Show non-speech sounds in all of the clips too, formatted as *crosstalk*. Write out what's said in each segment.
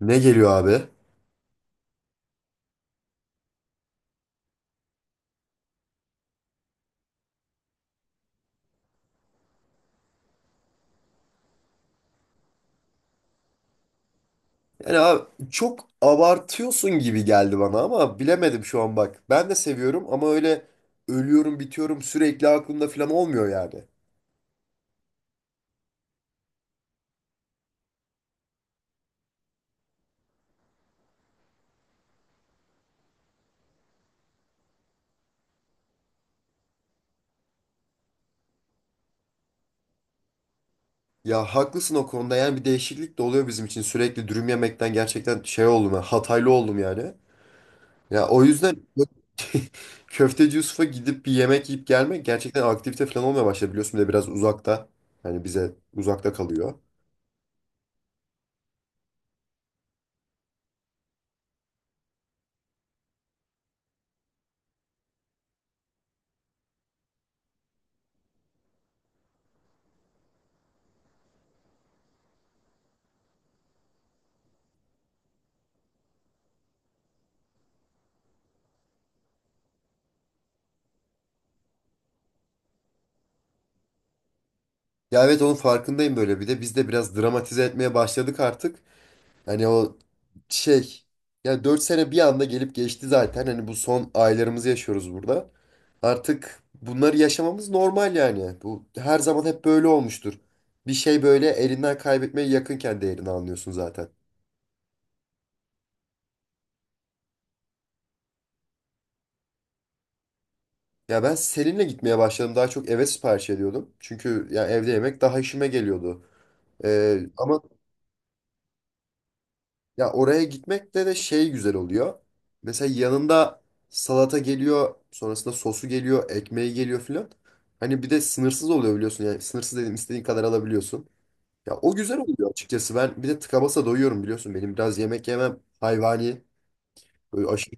Ne geliyor abi? Yani abi çok abartıyorsun gibi geldi bana ama bilemedim şu an bak. Ben de seviyorum ama öyle ölüyorum bitiyorum sürekli aklımda falan olmuyor yani. Ya haklısın o konuda yani bir değişiklik de oluyor bizim için. Sürekli dürüm yemekten gerçekten şey oldum ya Hataylı oldum yani. Ya o yüzden *laughs* Köfteci Yusuf'a gidip bir yemek yiyip gelmek gerçekten aktivite falan olmaya başladı. Biliyorsun bir de biraz uzakta. Yani bize uzakta kalıyor. Ya evet onun farkındayım böyle bir de biz de biraz dramatize etmeye başladık artık. Hani o şey ya 4 sene bir anda gelip geçti zaten. Hani bu son aylarımızı yaşıyoruz burada. Artık bunları yaşamamız normal yani. Bu her zaman hep böyle olmuştur. Bir şey böyle elinden kaybetmeye yakınken değerini anlıyorsun zaten. Ya ben Selin'le gitmeye başladım. Daha çok eve sipariş ediyordum. Çünkü ya evde yemek daha işime geliyordu. Ama Ya oraya gitmek de şey güzel oluyor. Mesela yanında salata geliyor, sonrasında sosu geliyor, ekmeği geliyor filan. Hani bir de sınırsız oluyor biliyorsun. Yani sınırsız dedim istediğin kadar alabiliyorsun. Ya o güzel oluyor açıkçası. Ben bir de tıka basa doyuyorum biliyorsun. Benim biraz yemek yemem hayvani. Böyle aşırı.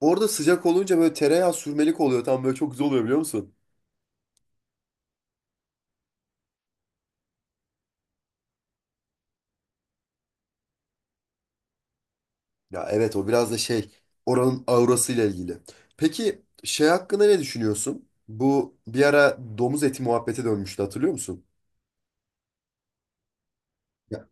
Orada sıcak olunca böyle tereyağı sürmelik oluyor. Tam böyle çok güzel oluyor biliyor musun? Ya evet o biraz da şey oranın aurasıyla ilgili. Peki şey hakkında ne düşünüyorsun? Bu bir ara domuz eti muhabbete dönmüştü hatırlıyor musun? Ya,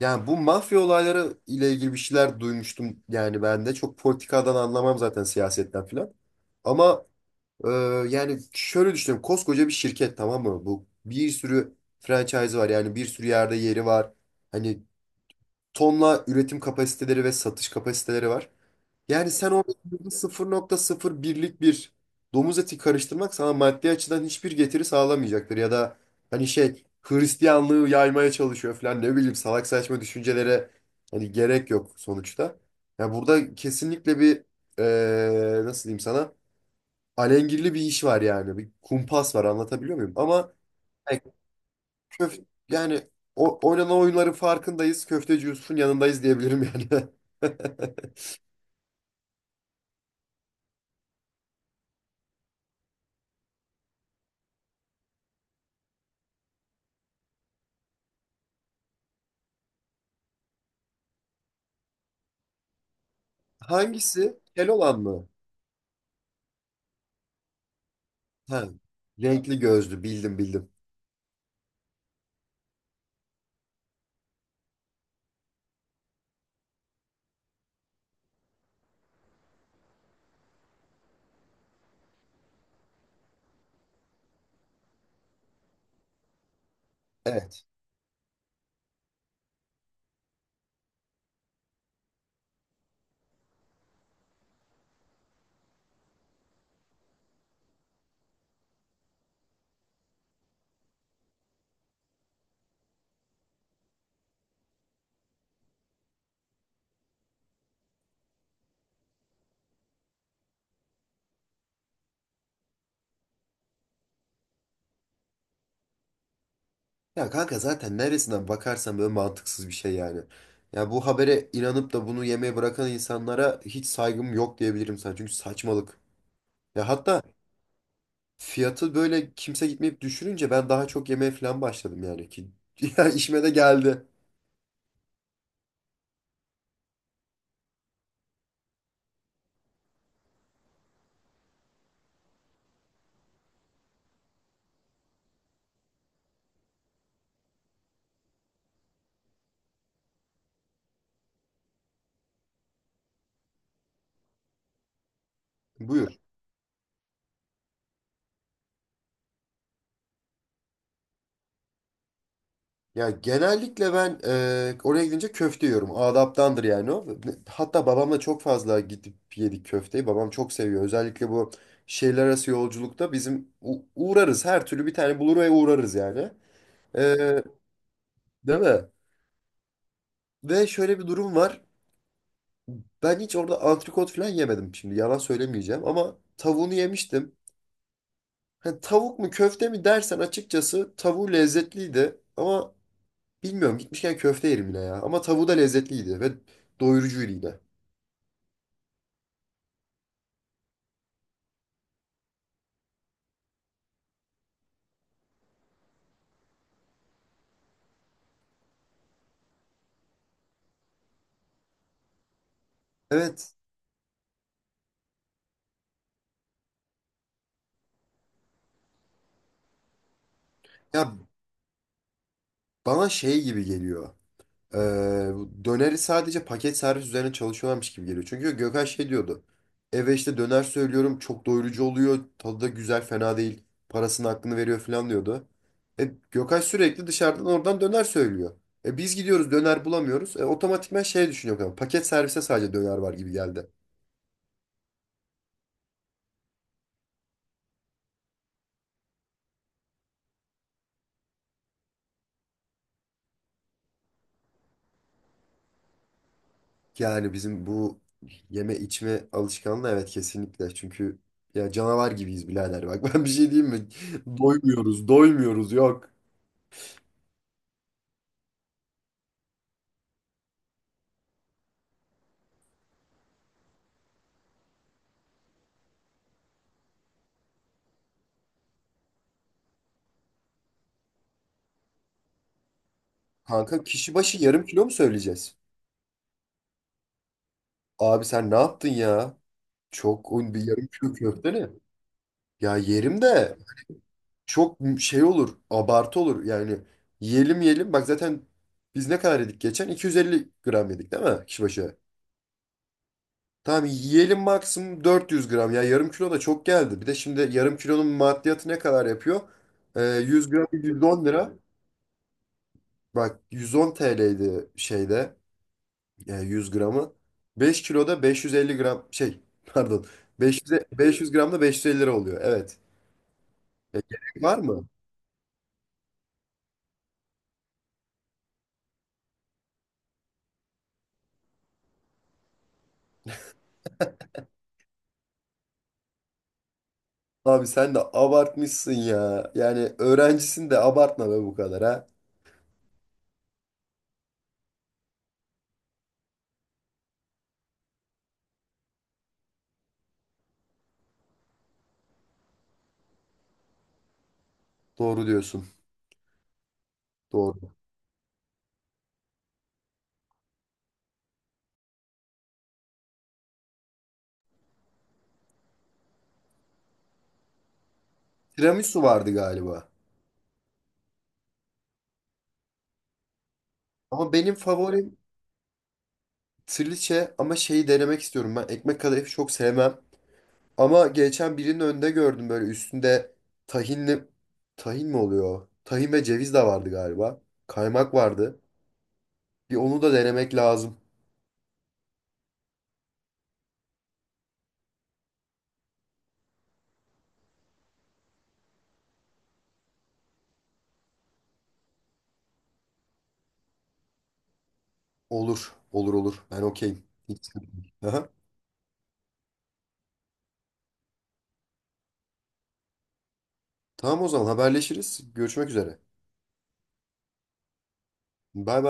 yani bu mafya olayları ile ilgili bir şeyler duymuştum yani ben de. Çok politikadan anlamam zaten siyasetten filan. Ama e, yani şöyle düşünüyorum koskoca bir şirket, tamam mı? Bu bir sürü franchise var, yani bir sürü yerde yeri var. Hani tonla üretim kapasiteleri ve satış kapasiteleri var. Yani sen orada sıfır nokta sıfır birlik bir domuz eti karıştırmak sana maddi açıdan hiçbir getiri sağlamayacaktır. Ya da hani şey Hristiyanlığı yaymaya çalışıyor falan, ne bileyim, salak saçma düşüncelere hani gerek yok sonuçta. Ya burada kesinlikle bir nasıl diyeyim sana, alengirli bir iş var, yani bir kumpas var, anlatabiliyor muyum? Ama yani, köf- yani o, oynanan oyunların farkındayız, köfteci Yusuf'un yanındayız diyebilirim yani. *laughs* Hangisi? Kel olan mı? Ha, renkli gözlü, bildim bildim. Evet. Ya kanka zaten neresinden bakarsan böyle mantıksız bir şey yani. Ya bu habere inanıp da bunu yemeye bırakan insanlara hiç saygım yok diyebilirim sana. Çünkü saçmalık. Ya hatta fiyatı böyle kimse gitmeyip düşününce ben daha çok yemeye falan başladım yani ki. *laughs* Ya işime de geldi. Buyur. Ya genellikle ben oraya gidince köfte yiyorum. Adaptandır yani o. Hatta babamla çok fazla gidip yedik köfteyi. Babam çok seviyor. Özellikle bu şehirler arası yolculukta bizim uğrarız. Her türlü bir tane bulur ve uğrarız yani. E, Değil mi? Ve şöyle bir durum var. Ben hiç orada antrikot falan yemedim şimdi. Yalan söylemeyeceğim ama tavuğunu yemiştim. Ha, tavuk mu köfte mi dersen açıkçası tavuğu lezzetliydi. Ama bilmiyorum, gitmişken köfte yerim yine ya. Ama tavuğu da lezzetliydi ve doyurucuydu yine. Evet. Ya bana şey gibi geliyor. Bu döneri sadece paket servis üzerine çalışıyorlarmış gibi geliyor. Çünkü Gökhan şey diyordu. Eve işte döner söylüyorum, çok doyurucu oluyor. Tadı da güzel, fena değil. Parasının hakkını veriyor falan diyordu. Gökhan sürekli dışarıdan oradan döner söylüyor. Biz gidiyoruz, döner bulamıyoruz. Otomatikman şey düşünüyor Gökhan, paket servise sadece döner var gibi geldi. Yani bizim bu yeme içme alışkanlığı, evet, kesinlikle. Çünkü ya canavar gibiyiz birader. Bak, *laughs* ben bir şey diyeyim mi? Doymuyoruz, doymuyoruz, yok. Kanka kişi başı yarım kilo mu söyleyeceğiz? Abi sen ne yaptın ya? Çok oğlum, bir yarım kilo köfte ne? Ya yerim de çok şey olur, abartı olur. Yani yiyelim yiyelim. Bak zaten biz ne kadar yedik geçen? 250 gram yedik değil mi kişi başı? Tamam yiyelim maksimum 400 gram. Ya yarım kilo da çok geldi. Bir de şimdi yarım kilonun maddiyatı ne kadar yapıyor? 100 gram 110 lira. Bak, 110 TL'ydi şeyde 100 gramı. 5 kiloda 550 gram şey *laughs* pardon 500, 500 gramda 550 lira oluyor. Evet. Ya gerek var mı? Abi sen de abartmışsın ya. Yani öğrencisin de abartma be bu kadar ha. Doğru diyorsun. Doğru. Tiramisu vardı galiba. Ama benim favorim trileçe, ama şeyi denemek istiyorum ben. Ekmek kadayıfı çok sevmem. Ama geçen birinin önünde gördüm, böyle üstünde tahinli... Tahin mi oluyor? Tahin ve ceviz de vardı galiba. Kaymak vardı. Bir onu da denemek lazım. Olur. Olur, olur. Ben okeyim. Hiç sıkıntı değil. Aha. Tamam, o zaman haberleşiriz. Görüşmek üzere. Bay bay.